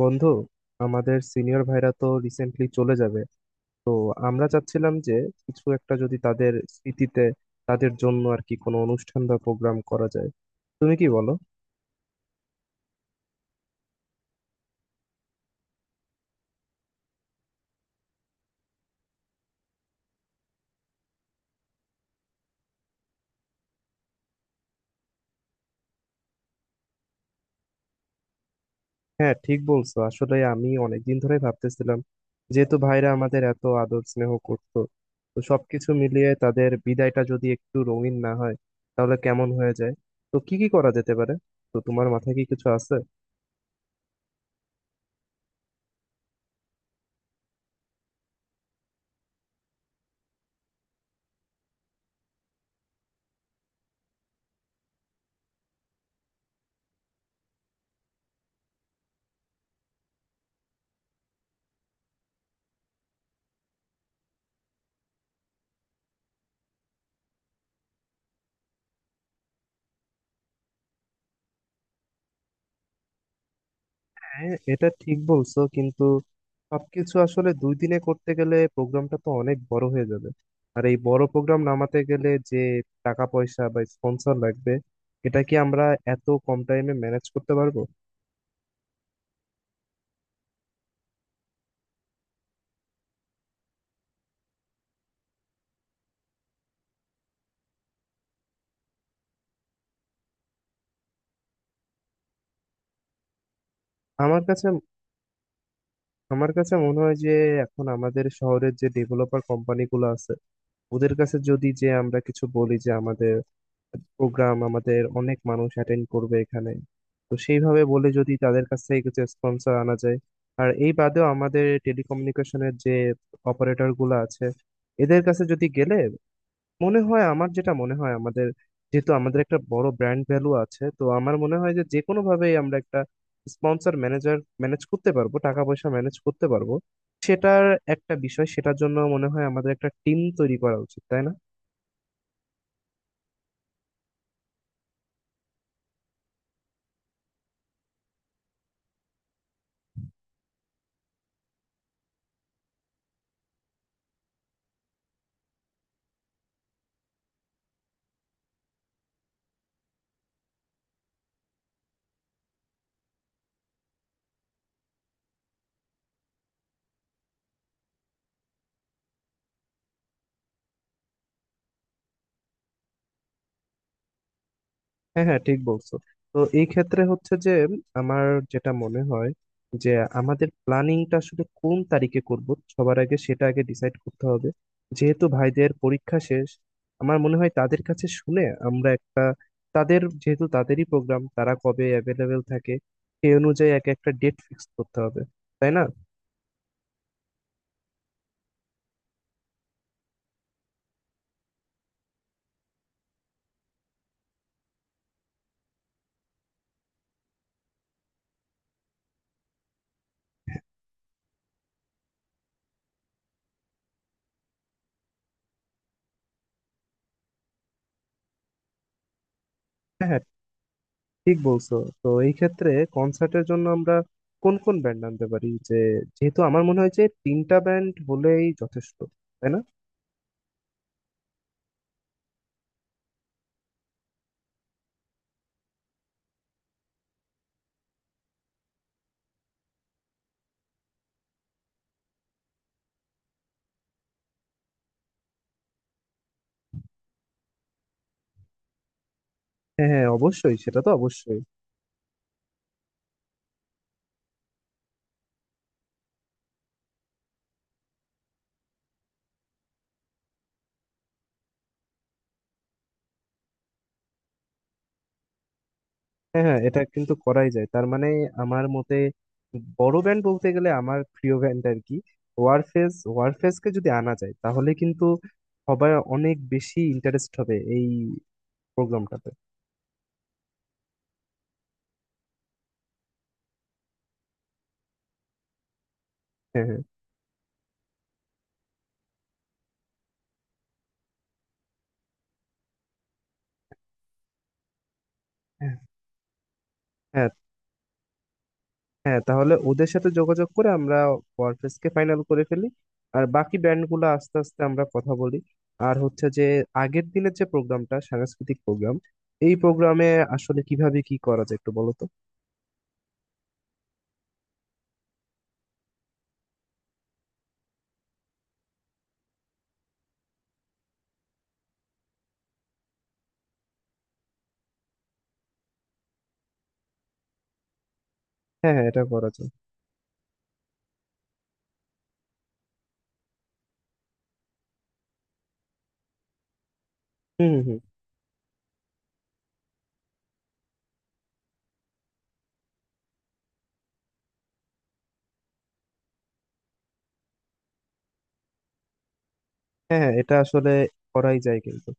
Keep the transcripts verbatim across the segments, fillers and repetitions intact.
বন্ধু, আমাদের সিনিয়র ভাইরা তো রিসেন্টলি চলে যাবে। তো আমরা চাচ্ছিলাম যে কিছু একটা যদি তাদের স্মৃতিতে, তাদের জন্য আর কি কোনো অনুষ্ঠান বা প্রোগ্রাম করা যায়। তুমি কি বলো? হ্যাঁ, ঠিক বলছো, আসলে আমি অনেকদিন ধরে ভাবতেছিলাম। যেহেতু ভাইরা আমাদের এত আদর স্নেহ করতো, তো সবকিছু মিলিয়ে তাদের বিদায়টা যদি একটু রঙিন না হয়, তাহলে কেমন হয়ে যায়। তো কি কি করা যেতে পারে, তো তোমার মাথায় কি কিছু আছে? হ্যাঁ, এটা ঠিক বলছো, কিন্তু সবকিছু আসলে দুই দিনে করতে গেলে প্রোগ্রামটা তো অনেক বড় হয়ে যাবে। আর এই বড় প্রোগ্রাম নামাতে গেলে যে টাকা পয়সা বা স্পন্সর লাগবে, এটা কি আমরা এত কম টাইমে ম্যানেজ করতে পারবো? আমার কাছে আমার কাছে মনে হয় যে এখন আমাদের শহরের যে ডেভেলপার কোম্পানিগুলো আছে, ওদের কাছে যদি যে আমরা কিছু বলি যে আমাদের প্রোগ্রাম, আমাদের অনেক মানুষ অ্যাটেন্ড করবে এখানে, তো সেইভাবে বলে যদি তাদের কাছ থেকে কিছু স্পন্সর আনা যায়। আর এই বাদেও আমাদের টেলিকমিউনিকেশনের যে অপারেটর গুলো আছে, এদের কাছে যদি গেলে মনে হয় আমার, যেটা মনে হয় আমাদের যেহেতু আমাদের একটা বড় ব্র্যান্ড ভ্যালু আছে, তো আমার মনে হয় যে যে কোনো ভাবেই আমরা একটা স্পন্সর ম্যানেজার ম্যানেজ করতে পারবো, টাকা পয়সা ম্যানেজ করতে পারবো। সেটার একটা বিষয় সেটার জন্য মনে হয় আমাদের একটা টিম তৈরি করা উচিত, তাই না? হ্যাঁ হ্যাঁ, ঠিক বলছো। তো এই ক্ষেত্রে হচ্ছে যে উম, আমার যেটা মনে হয় যে আমাদের প্ল্যানিংটা আসলে কোন তারিখে করব, সবার আগে সেটা আগে ডিসাইড করতে হবে। যেহেতু ভাইদের পরীক্ষা শেষ, আমার মনে হয় তাদের কাছে শুনে আমরা একটা, তাদের যেহেতু তাদেরই প্রোগ্রাম, তারা কবে অ্যাভেলেবেল থাকে সেই অনুযায়ী এক একটা ডেট ফিক্স করতে হবে, তাই না? হ্যাঁ হ্যাঁ, ঠিক বলছো। তো এই ক্ষেত্রে কনসার্টের জন্য আমরা কোন কোন ব্যান্ড আনতে পারি, যে যেহেতু আমার মনে হয় যে তিনটা ব্যান্ড হলেই যথেষ্ট, তাই না? হ্যাঁ হ্যাঁ, অবশ্যই, সেটা তো অবশ্যই। হ্যাঁ হ্যাঁ, এটা কিন্তু করাই যায়, তার মানে আমার মতে বড় ব্যান্ড বলতে গেলে আমার প্রিয় ব্যান্ড আর কি, ওয়ারফেজ। ওয়ারফেজকে যদি আনা যায় তাহলে কিন্তু সবাই অনেক বেশি ইন্টারেস্ট হবে এই প্রোগ্রামটাতে। হ্যাঁ হ্যাঁ। হ্যাঁ হ্যাঁ, হ্যাঁ, তাহলে ওদের সাথে যোগাযোগ করে আমরা ওয়ারফেজকে ফাইনাল করে ফেলি, আর বাকি ব্যান্ডগুলো আস্তে আস্তে আমরা কথা বলি। আর হচ্ছে যে আগের দিনের যে প্রোগ্রামটা, সাংস্কৃতিক প্রোগ্রাম, এই প্রোগ্রামে আসলে কিভাবে কি করা যায়, একটু বলো তো। হ্যাঁ হ্যাঁ, এটা করা যায়। হুম হুম হুম। হ্যাঁ হ্যাঁ, এটা আসলে করাই যায়, কিন্তু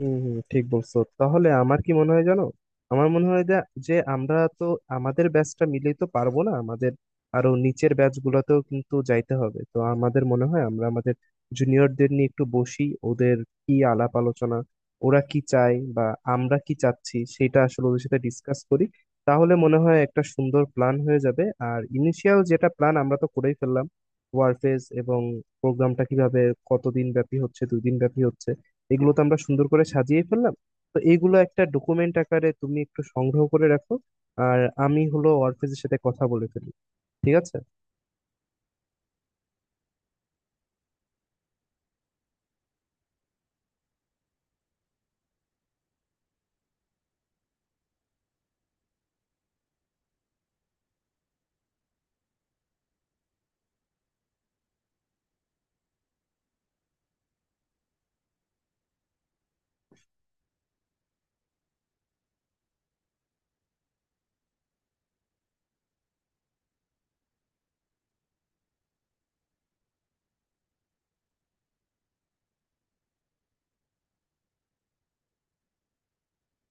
হম হম, ঠিক বলছো। তাহলে আমার কি মনে হয় জানো, আমার মনে হয় যে যে আমরা তো আমাদের ব্যাচটা মিলেই তো পারবো না, আমাদের আরো নিচের ব্যাচ গুলোতেও কিন্তু যাইতে হবে। তো আমাদের মনে হয় আমরা আমাদের জুনিয়রদের নিয়ে একটু বসি, ওদের কি আলাপ আলোচনা, ওরা কি চায় বা আমরা কি চাচ্ছি, সেটা আসলে ওদের সাথে ডিসকাস করি। তাহলে মনে হয় একটা সুন্দর প্ল্যান হয়ে যাবে। আর ইনিশিয়াল যেটা প্ল্যান আমরা তো করেই ফেললাম, ওয়ারফেজ, এবং প্রোগ্রামটা কিভাবে, কতদিন ব্যাপী হচ্ছে, দুই দিন ব্যাপী হচ্ছে, এগুলো তো আমরা সুন্দর করে সাজিয়ে ফেললাম। তো এইগুলো একটা ডকুমেন্ট আকারে তুমি একটু সংগ্রহ করে রাখো। আর আমি হলো অর্ফেজের সাথে কথা বলে ফেলি, ঠিক আছে?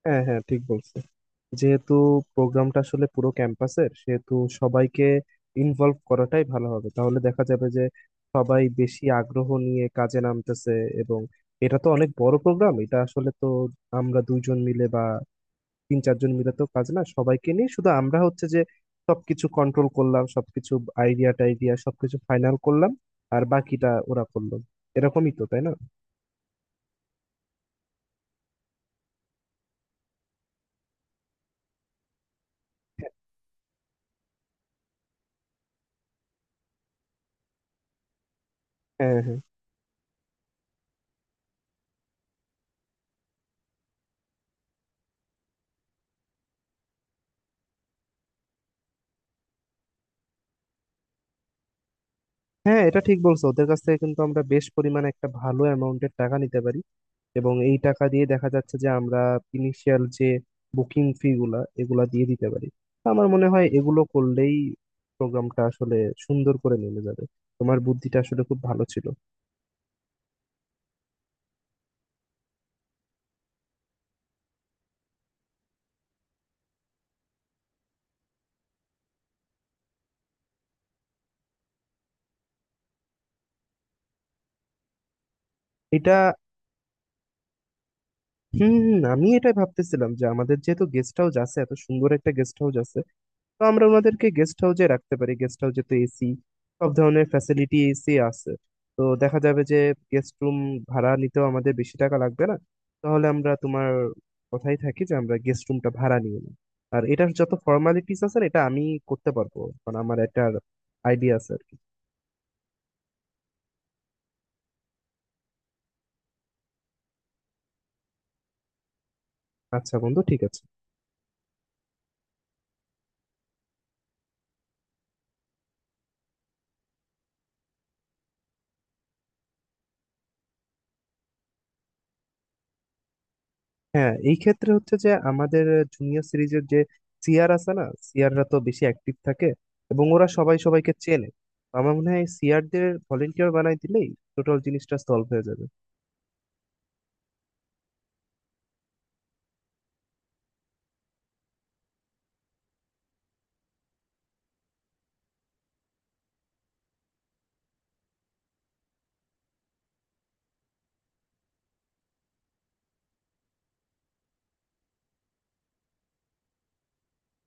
হ্যাঁ হ্যাঁ, ঠিক বলছো। যেহেতু প্রোগ্রামটা আসলে পুরো ক্যাম্পাসের, সেহেতু সবাইকে ইনভলভ করাটাই ভালো হবে। তাহলে দেখা যাবে যে সবাই বেশি আগ্রহ নিয়ে কাজে নামতেছে। এবং এটা তো অনেক বড় প্রোগ্রাম, এটা আসলে তো আমরা দুইজন মিলে বা তিন চারজন মিলে তো কাজ না, সবাইকে নিয়ে। শুধু আমরা হচ্ছে যে সবকিছু কন্ট্রোল করলাম, সবকিছু আইডিয়া টাইডিয়া সবকিছু ফাইনাল করলাম, আর বাকিটা ওরা করলো, এরকমই তো, তাই না? হ্যাঁ হ্যাঁ হ্যাঁ, এটা ঠিক বলছো। ওদের কাছ থেকে কিন্তু আমরা বেশ পরিমাণে একটা ভালো অ্যামাউন্টের টাকা নিতে পারি। এবং এই টাকা দিয়ে দেখা যাচ্ছে যে আমরা ইনিশিয়াল যে বুকিং ফি গুলা, এগুলা দিয়ে দিতে পারি। তো আমার মনে হয় এগুলো করলেই প্রোগ্রামটা আসলে সুন্দর করে নেমে যাবে। তোমার বুদ্ধিটা আসলে খুব ভালো ছিল। এটা হুম হুম, আমি এটাই ভাবতেছিলাম যে আমাদের যেহেতু গেস্ট হাউস আছে, এত সুন্দর একটা গেস্ট হাউস আছে, তো আমরা ওনাদেরকে গেস্ট হাউসে রাখতে পারি। গেস্ট হাউসে তো এসি, সব ধরনের ফ্যাসিলিটি, এসি আছে। তো দেখা যাবে যে গেস্ট রুম ভাড়া নিতেও আমাদের বেশি টাকা লাগবে না। তাহলে আমরা তোমার কথাই থাকি যে আমরা গেস্ট রুমটা ভাড়া নিয়ে নিই। আর এটার যত ফর্মালিটিস আছে না, এটা আমি করতে পারবো, কারণ আমার একটা আইডিয়া আছে আর কি। আচ্ছা বন্ধু, ঠিক আছে। হ্যাঁ, এই ক্ষেত্রে হচ্ছে যে আমাদের জুনিয়র সিরিজের যে সিয়ার আছে না, সিয়াররা তো বেশি অ্যাক্টিভ থাকে, এবং ওরা সবাই সবাইকে চেনে। আমার মনে হয় সিয়ারদের ভলেন্টিয়ার বানাই দিলেই টোটাল জিনিসটা সলভ হয়ে যাবে।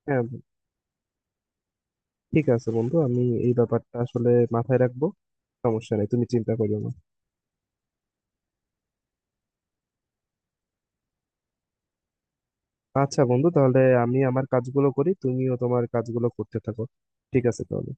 হ্যাঁ বন্ধু, ঠিক আছে বন্ধু, আমি এই ব্যাপারটা আসলে মাথায় রাখবো। সমস্যা নেই, তুমি চিন্তা করিও না। আচ্ছা বন্ধু, তাহলে আমি আমার কাজগুলো করি, তুমিও তোমার কাজগুলো করতে থাকো। ঠিক আছে তাহলে।